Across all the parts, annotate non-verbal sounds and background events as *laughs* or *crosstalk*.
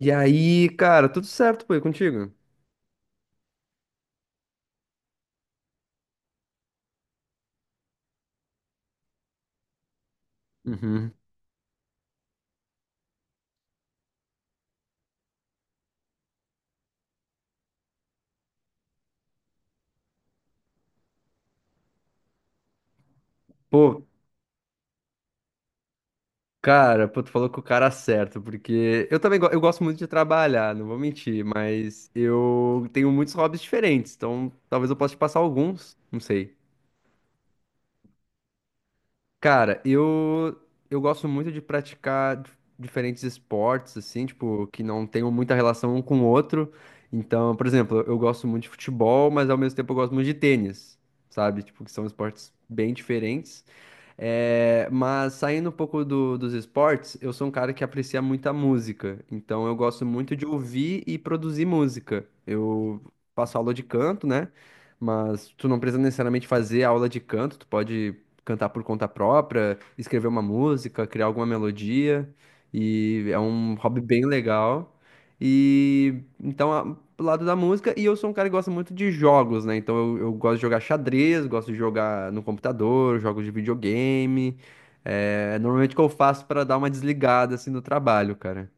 E aí, cara, tudo certo, pô, e contigo? Uhum. Pô, cara, pô, tu falou com o cara certo, porque eu também eu gosto muito de trabalhar, não vou mentir, mas eu tenho muitos hobbies diferentes, então talvez eu possa te passar alguns, não sei. Cara, eu gosto muito de praticar diferentes esportes, assim, tipo, que não tenham muita relação um com o outro. Então, por exemplo, eu gosto muito de futebol, mas ao mesmo tempo eu gosto muito de tênis, sabe? Tipo, que são esportes bem diferentes. É, mas saindo um pouco dos esportes, eu sou um cara que aprecia muita música. Então eu gosto muito de ouvir e produzir música. Eu faço aula de canto, né? Mas tu não precisa necessariamente fazer aula de canto, tu pode cantar por conta própria, escrever uma música, criar alguma melodia. E é um hobby bem legal. E então, pro lado da música, e eu sou um cara que gosta muito de jogos, né? Então eu gosto de jogar xadrez, gosto de jogar no computador, jogos de videogame. É, normalmente o que eu faço pra dar uma desligada assim no trabalho, cara.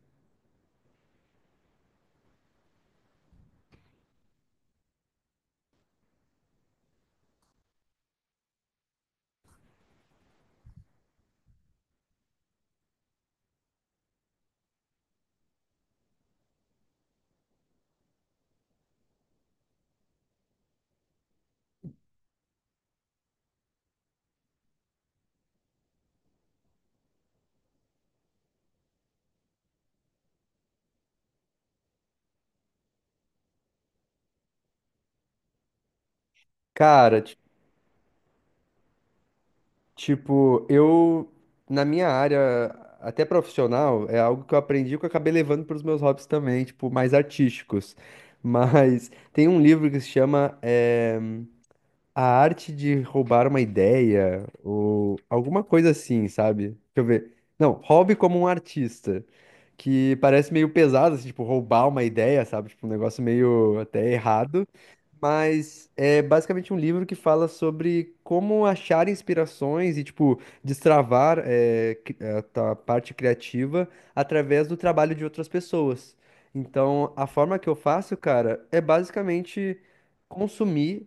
Cara, tipo, eu, na minha área, até profissional, é algo que eu aprendi que eu acabei levando para os meus hobbies também, tipo, mais artísticos. *laughs* Mas tem um livro que se chama A Arte de Roubar uma Ideia ou alguma coisa assim, sabe? Deixa eu ver. Não, hobby como um artista, que parece meio pesado, assim, tipo, roubar uma ideia, sabe? Tipo, um negócio meio até errado. Mas é basicamente um livro que fala sobre como achar inspirações e, tipo, destravar é, a tua parte criativa através do trabalho de outras pessoas. Então, a forma que eu faço, cara, é basicamente consumir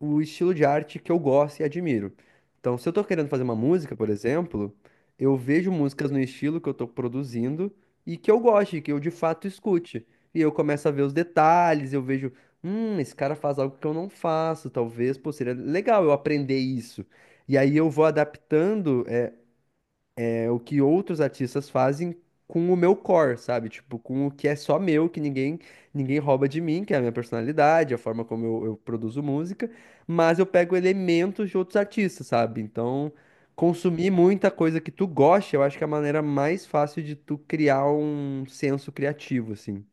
o estilo de arte que eu gosto e admiro. Então, se eu tô querendo fazer uma música, por exemplo, eu vejo músicas no estilo que eu tô produzindo e que eu goste, que eu de fato escute. E eu começo a ver os detalhes, eu vejo, esse cara faz algo que eu não faço, talvez, pô, seria legal eu aprender isso. E aí eu vou adaptando, é o que outros artistas fazem com o meu core, sabe? Tipo, com o que é só meu, que ninguém rouba de mim, que é a minha personalidade, a forma como eu produzo música, mas eu pego elementos de outros artistas, sabe? Então, consumir muita coisa que tu gosta, eu acho que é a maneira mais fácil de tu criar um senso criativo, assim.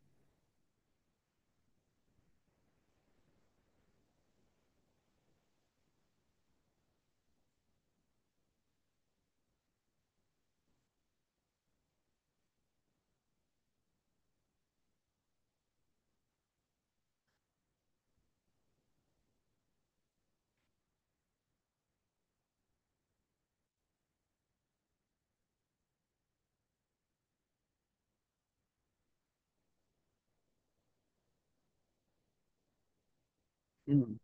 Hum.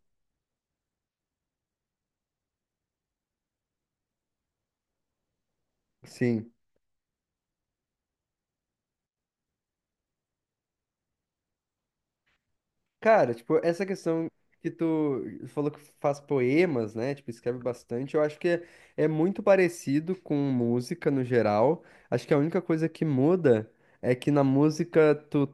Sim. Cara, tipo, essa questão que tu falou que faz poemas, né? Tipo, escreve bastante. Eu acho que é, é muito parecido com música no geral. Acho que a única coisa que muda é que na música tu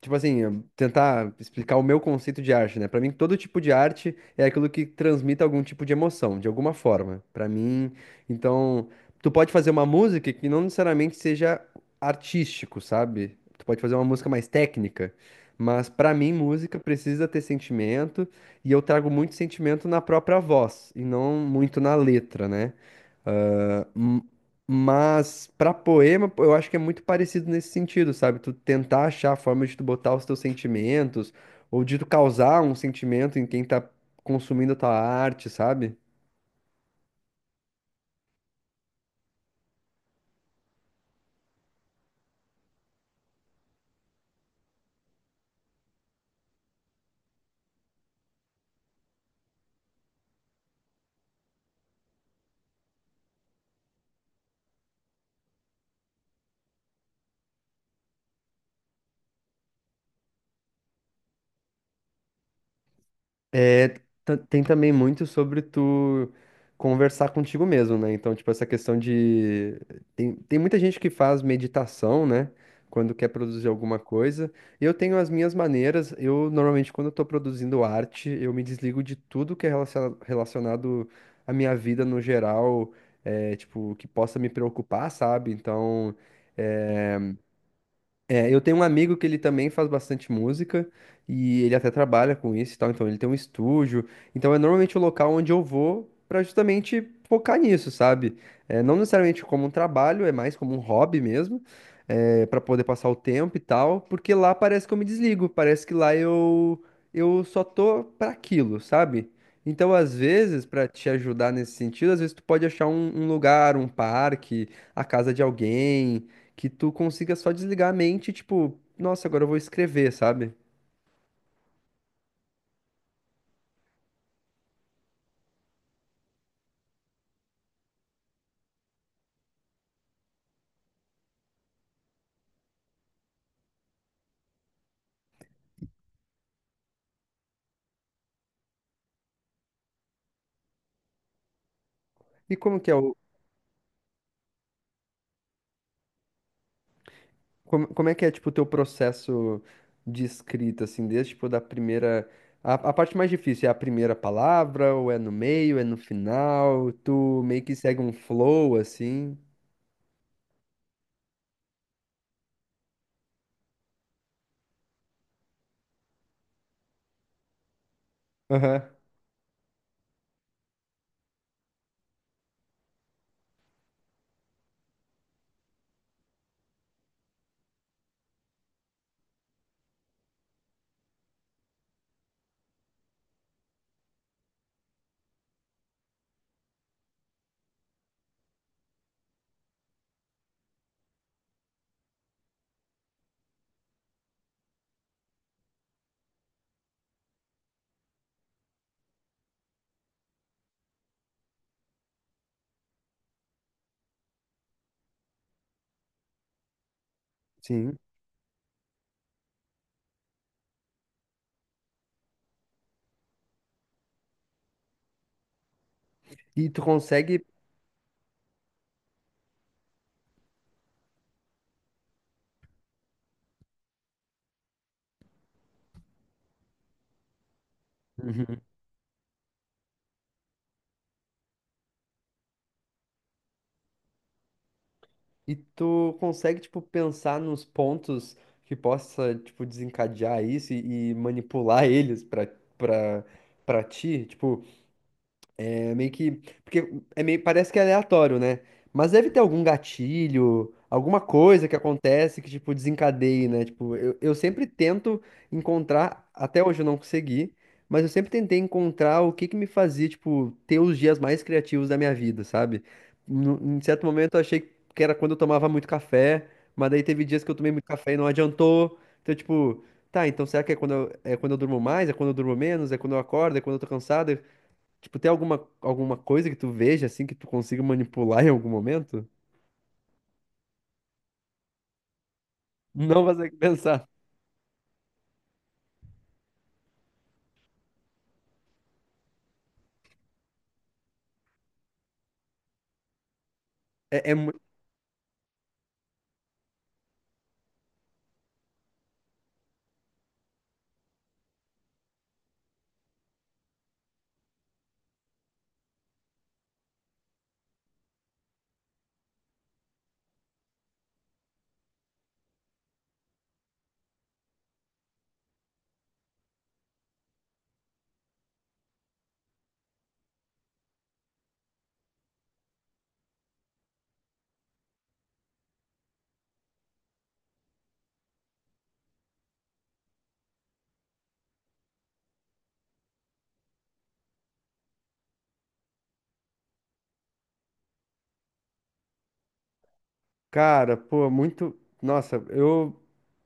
tipo assim, eu tentar explicar o meu conceito de arte, né? Pra mim, todo tipo de arte é aquilo que transmite algum tipo de emoção, de alguma forma. Pra mim, então, tu pode fazer uma música que não necessariamente seja artístico, sabe? Tu pode fazer uma música mais técnica, mas pra mim, música precisa ter sentimento, e eu trago muito sentimento na própria voz, e não muito na letra, né? Ah, M- Mas pra poema, pô, eu acho que é muito parecido nesse sentido, sabe? Tu tentar achar a forma de tu botar os teus sentimentos ou de tu causar um sentimento em quem tá consumindo a tua arte, sabe? É, tem também muito sobre tu conversar contigo mesmo, né? Então, tipo, essa questão de. Tem muita gente que faz meditação, né? Quando quer produzir alguma coisa. Eu tenho as minhas maneiras. Eu, normalmente, quando eu tô produzindo arte, eu me desligo de tudo que é relacionado à minha vida no geral, é, tipo, que possa me preocupar, sabe? Então. É, é, eu tenho um amigo que ele também faz bastante música e ele até trabalha com isso e tal, então ele tem um estúdio. Então é normalmente o local onde eu vou pra justamente focar nisso, sabe? É, não necessariamente como um trabalho, é mais como um hobby mesmo, é, para poder passar o tempo e tal, porque lá parece que eu me desligo, parece que lá eu só tô pra aquilo, sabe? Então, às vezes, pra te ajudar nesse sentido, às vezes tu pode achar um lugar, um parque, a casa de alguém que tu consiga só desligar a mente, e, tipo, nossa, agora eu vou escrever, sabe? E como que é o como, como é que é tipo o teu processo de escrita assim, desde tipo da primeira a parte mais difícil é a primeira palavra ou é no meio, é no final, tu meio que segue um flow assim. Aham. Sim. E tu consegue e tu consegue tipo pensar nos pontos que possa tipo desencadear isso e manipular *laughs* eles pra para para ti, tipo É meio que. Porque é meio, parece que é aleatório, né? Mas deve ter algum gatilho, alguma coisa que acontece que, tipo, desencadeie, né? Tipo, eu sempre tento encontrar, até hoje eu não consegui, mas eu sempre tentei encontrar o que que me fazia, tipo, ter os dias mais criativos da minha vida, sabe? Em certo momento eu achei que era quando eu tomava muito café, mas daí teve dias que eu tomei muito café e não adiantou. Então, tipo, tá, então será que é quando eu durmo mais? É quando eu durmo menos? É quando eu acordo? É quando eu tô cansado? Tipo, tem alguma, alguma coisa que tu veja assim que tu consiga manipular em algum momento? Não vai consegue pensar. É, é, mu- Cara, pô, é muito. Nossa, eu.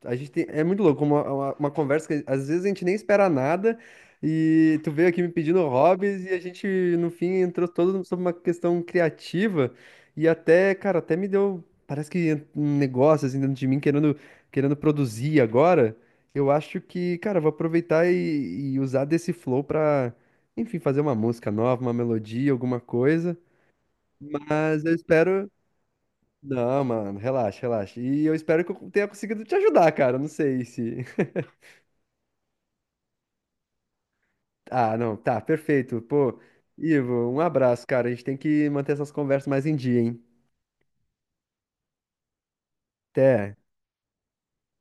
A gente tem... É muito louco, uma conversa que às vezes a gente nem espera nada e tu veio aqui me pedindo hobbies e a gente, no fim, entrou todo sobre uma questão criativa e até, cara, até me deu. Parece que um negócio assim dentro de mim querendo, querendo produzir agora. Eu acho que, cara, eu vou aproveitar e usar desse flow pra, enfim, fazer uma música nova, uma melodia, alguma coisa. Mas eu espero. Não, mano, relaxa, relaxa. E eu espero que eu tenha conseguido te ajudar, cara. Não sei se. *laughs* Ah, não, tá, perfeito. Pô, Ivo, um abraço, cara. A gente tem que manter essas conversas mais em dia, hein? Até.